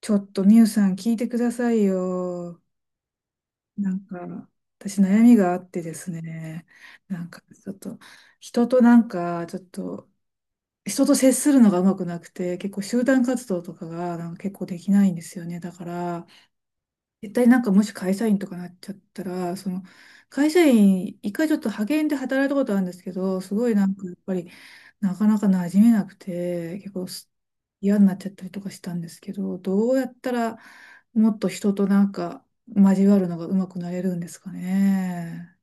ちょっとミュウさん聞いてくださいよ。なんか、私悩みがあってですね。なんか、ちょっと、人となんか、ちょっと、人と接するのがうまくなくて、結構集団活動とかがなんか結構できないんですよね。だから、絶対なんかもし会社員とかなっちゃったら、その会社員、一回ちょっと派遣で働いたことあるんですけど、すごいなんかやっぱりなかなか馴染めなくて、結構す嫌になっちゃったりとかしたんですけど、どうやったらもっと人となんか交わるのがうまくなれるんですかね。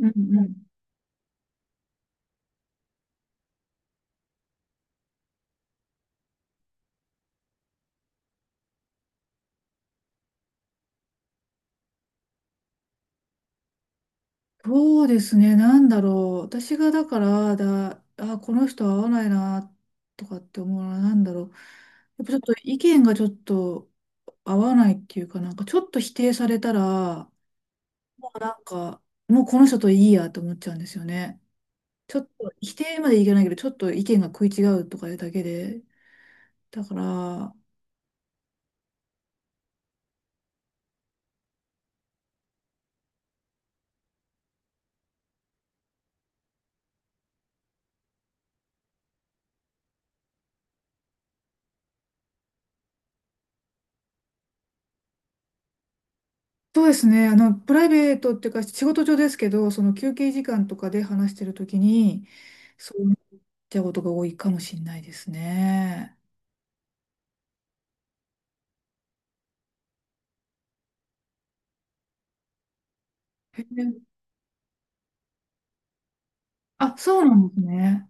うんうん、そうですね、なんだろう。私がだから、だ、あ、この人合わないな、とかって思うのは、なんだろう。やっぱちょっと意見がちょっと合わないっていうかなんか、ちょっと否定されたら、もうなんか、もうこの人といいやと思っちゃうんですよね。ちょっと、否定までいけないけど、ちょっと意見が食い違うとかいうだけで。だから、そうですね。あの、プライベートっていうか、仕事上ですけど、その休憩時間とかで話してるときに、そうなっちゃうことが多いかもしれないですね。へえ、あ、そうなんですね。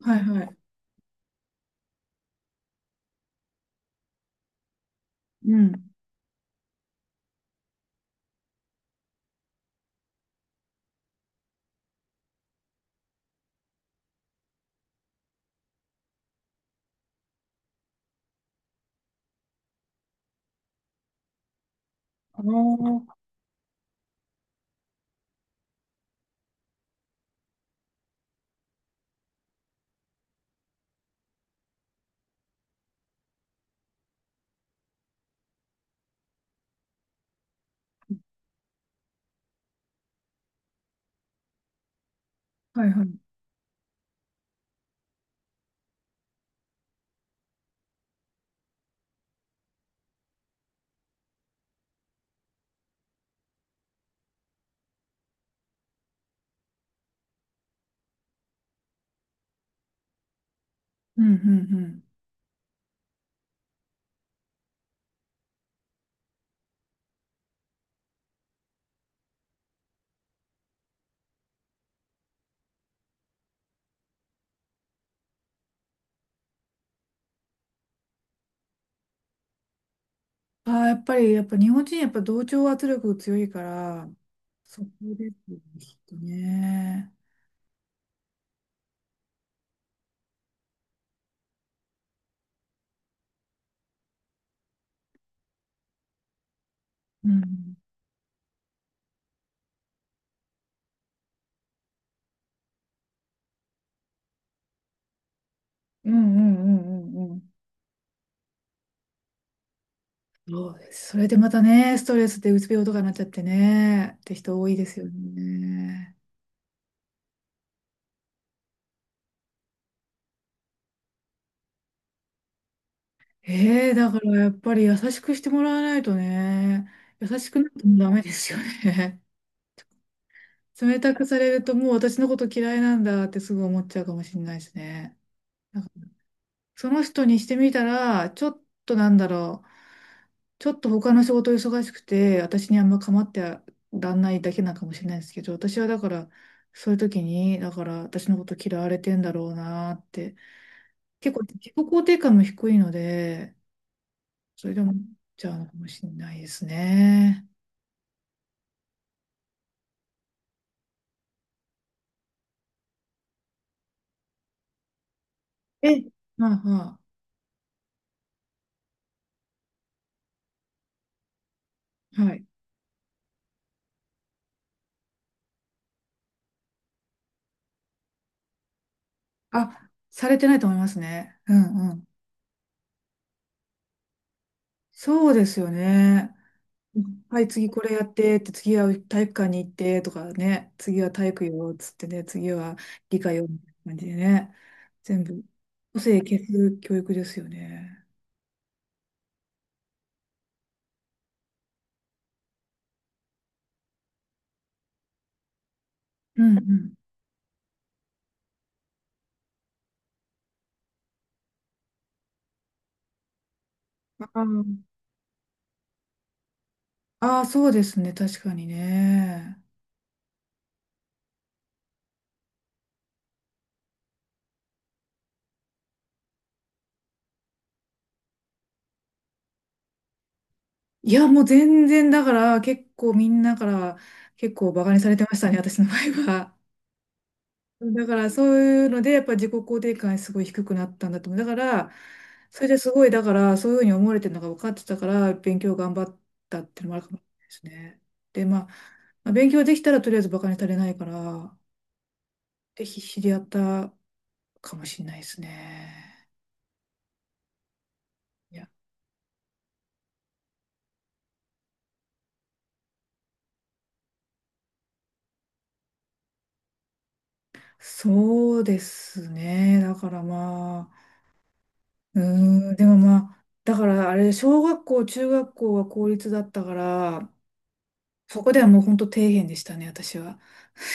はいはい。うん。あの、はいはい。うんうんうん。ああ、やっぱり、やっぱ日本人、やっぱ同調圧力強いから、そこですよね、きっとね。うん。うんうんうんうんうん。そうです。それでまたね、ストレスでうつ病とかなっちゃってね、って人多いですよね。ええ、だからやっぱり優しくしてもらわないとね、優しくなってもダメですよね。冷たくされるともう私のこと嫌いなんだってすぐ思っちゃうかもしれないですね。なんか、その人にしてみたら、ちょっとなんだろう。ちょっと他の仕事忙しくて、私にあんま構ってらんないだけなのかもしれないですけど、私はだから、そういう時に、だから私のこと嫌われてんだろうなって、結構自己肯定感も低いので、それでも思っちゃうのかもしれないですね。え、まあまあ、はい。あ、されてないと思いますね。うんうん。そうですよね。はい、次これやってって、次は体育館に行ってとかね、次は体育よっつってね、次は理科よみたいな感じでね、全部、個性消す教育ですよね。うんうん。ああ、あーそうですね、確かにね。いや、もう全然だから、結構みんなから結構バカにされてましたね、私の場合は。だからそういうので、やっぱ自己肯定感すごい低くなったんだと思う。だから、それですごい、だから、そういうふうに思われてるのが分かってたから、勉強頑張ったっていうのもあるかもしれないですね。で、まあ、まあ勉強できたらとりあえずバカにされないから、で、必死でやったかもしれないですね。いや、そうですね。だからまあ、うーん、でもまあ、だからあれ、小学校、中学校は公立だったから、そこではもう本当底辺でしたね、私は。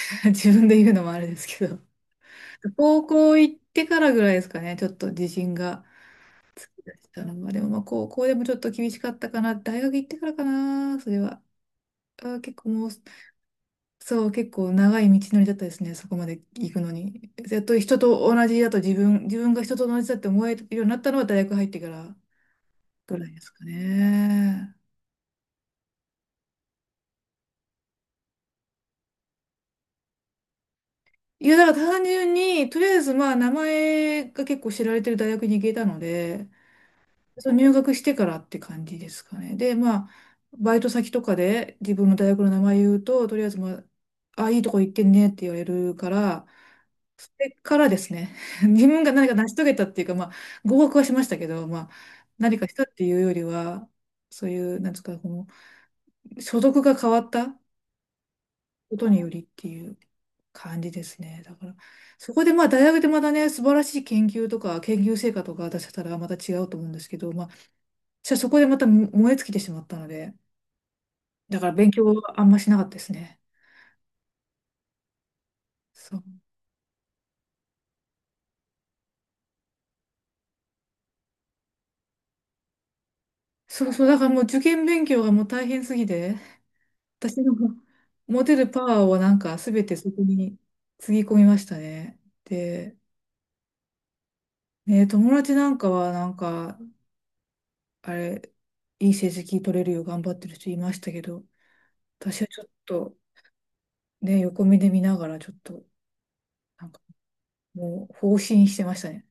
自分で言うのもあれですけど、高校行ってからぐらいですかね、ちょっと自信が出てきたのは。でもまあ高校でもちょっと厳しかったかな、大学行ってからかな、それは。あー、結構もう、そう、結構長い道のりだったですね、そこまで行くのに。やっと人と同じだと自分が人と同じだって思えるようになったのは大学入ってからぐらいですかね。いや、だから単純に、とりあえずまあ名前が結構知られてる大学に行けたので、そう入学してからって感じですかね。で、まあ、バイト先とかで自分の大学の名前言うと、とりあえず、いいとこ行ってんねって言われるから、それからですね。自分が何か成し遂げたっていうか、まあ、合格はしましたけど、まあ、何かしたっていうよりは、そういう、なんですか、この所属が変わったことによりっていう感じですね。だから、そこでまあ、大学でまたね、素晴らしい研究とか、研究成果とか出せたらまた違うと思うんですけど、じゃあそこでまたも燃え尽きてしまったので、だから勉強はあんましなかったですね。そう。そうそう、だからもう受験勉強がもう大変すぎて、私の持てるパワーをなんか全てそこにつぎ込みましたね。で、ね、友達なんかはなんか、あれ、いい成績取れるよう頑張ってる人いましたけど、私はちょっとね、横目で見ながらちょっと、なんかもう放心してましたね。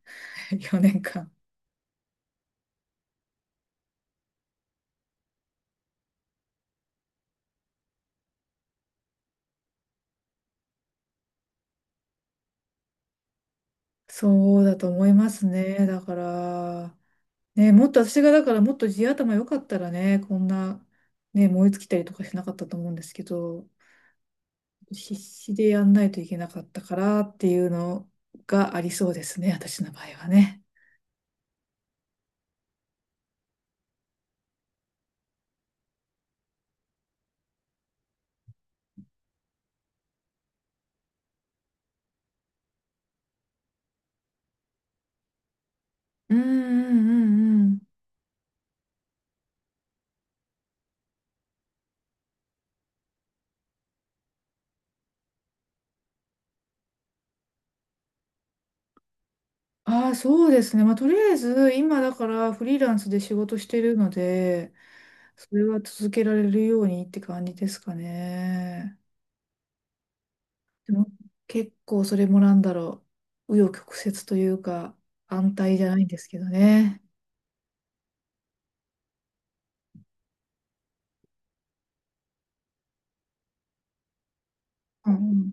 4年間。そうだと思いますね。だから、ね、もっと私がだからもっと地頭良かったらね、こんな、ね、燃え尽きたりとかしなかったと思うんですけど、必死でやんないといけなかったからっていうのがありそうですね、私の場合はね。うんうんうんうん。ああ、そうですね。まあ、とりあえず、今だからフリーランスで仕事してるので、それは続けられるようにって感じですかね。でも結構それもなんだろう、紆余曲折というか、安泰じゃないんですけどね。うんうん、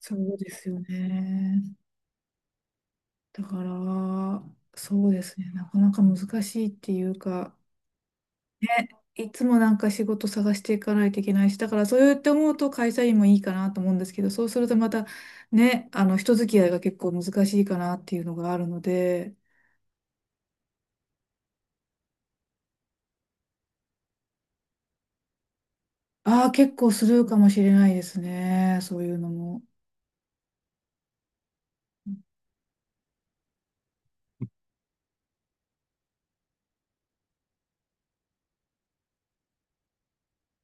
そうですよね。だから、そうですね。なかなか難しいっていうか、いつもなんか仕事探していかないといけないし、だからそうやって思うと会社員もいいかなと思うんですけど、そうするとまたね、あの人付き合いが結構難しいかなっていうのがあるので、ああ、結構するかもしれないですね。そういうのも。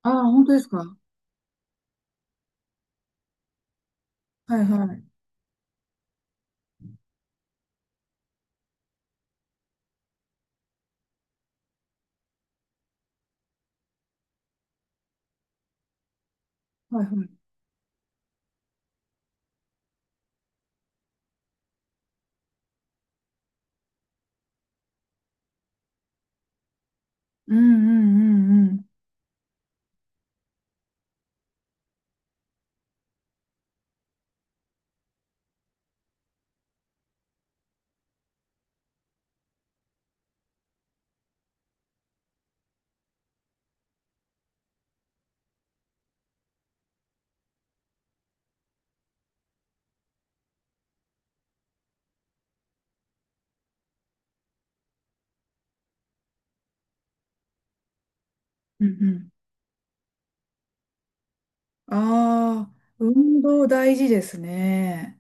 ああ、本当ですか。はいはい。はいはい。うんうんうんうん。うんうん。ああ、運動大事ですね。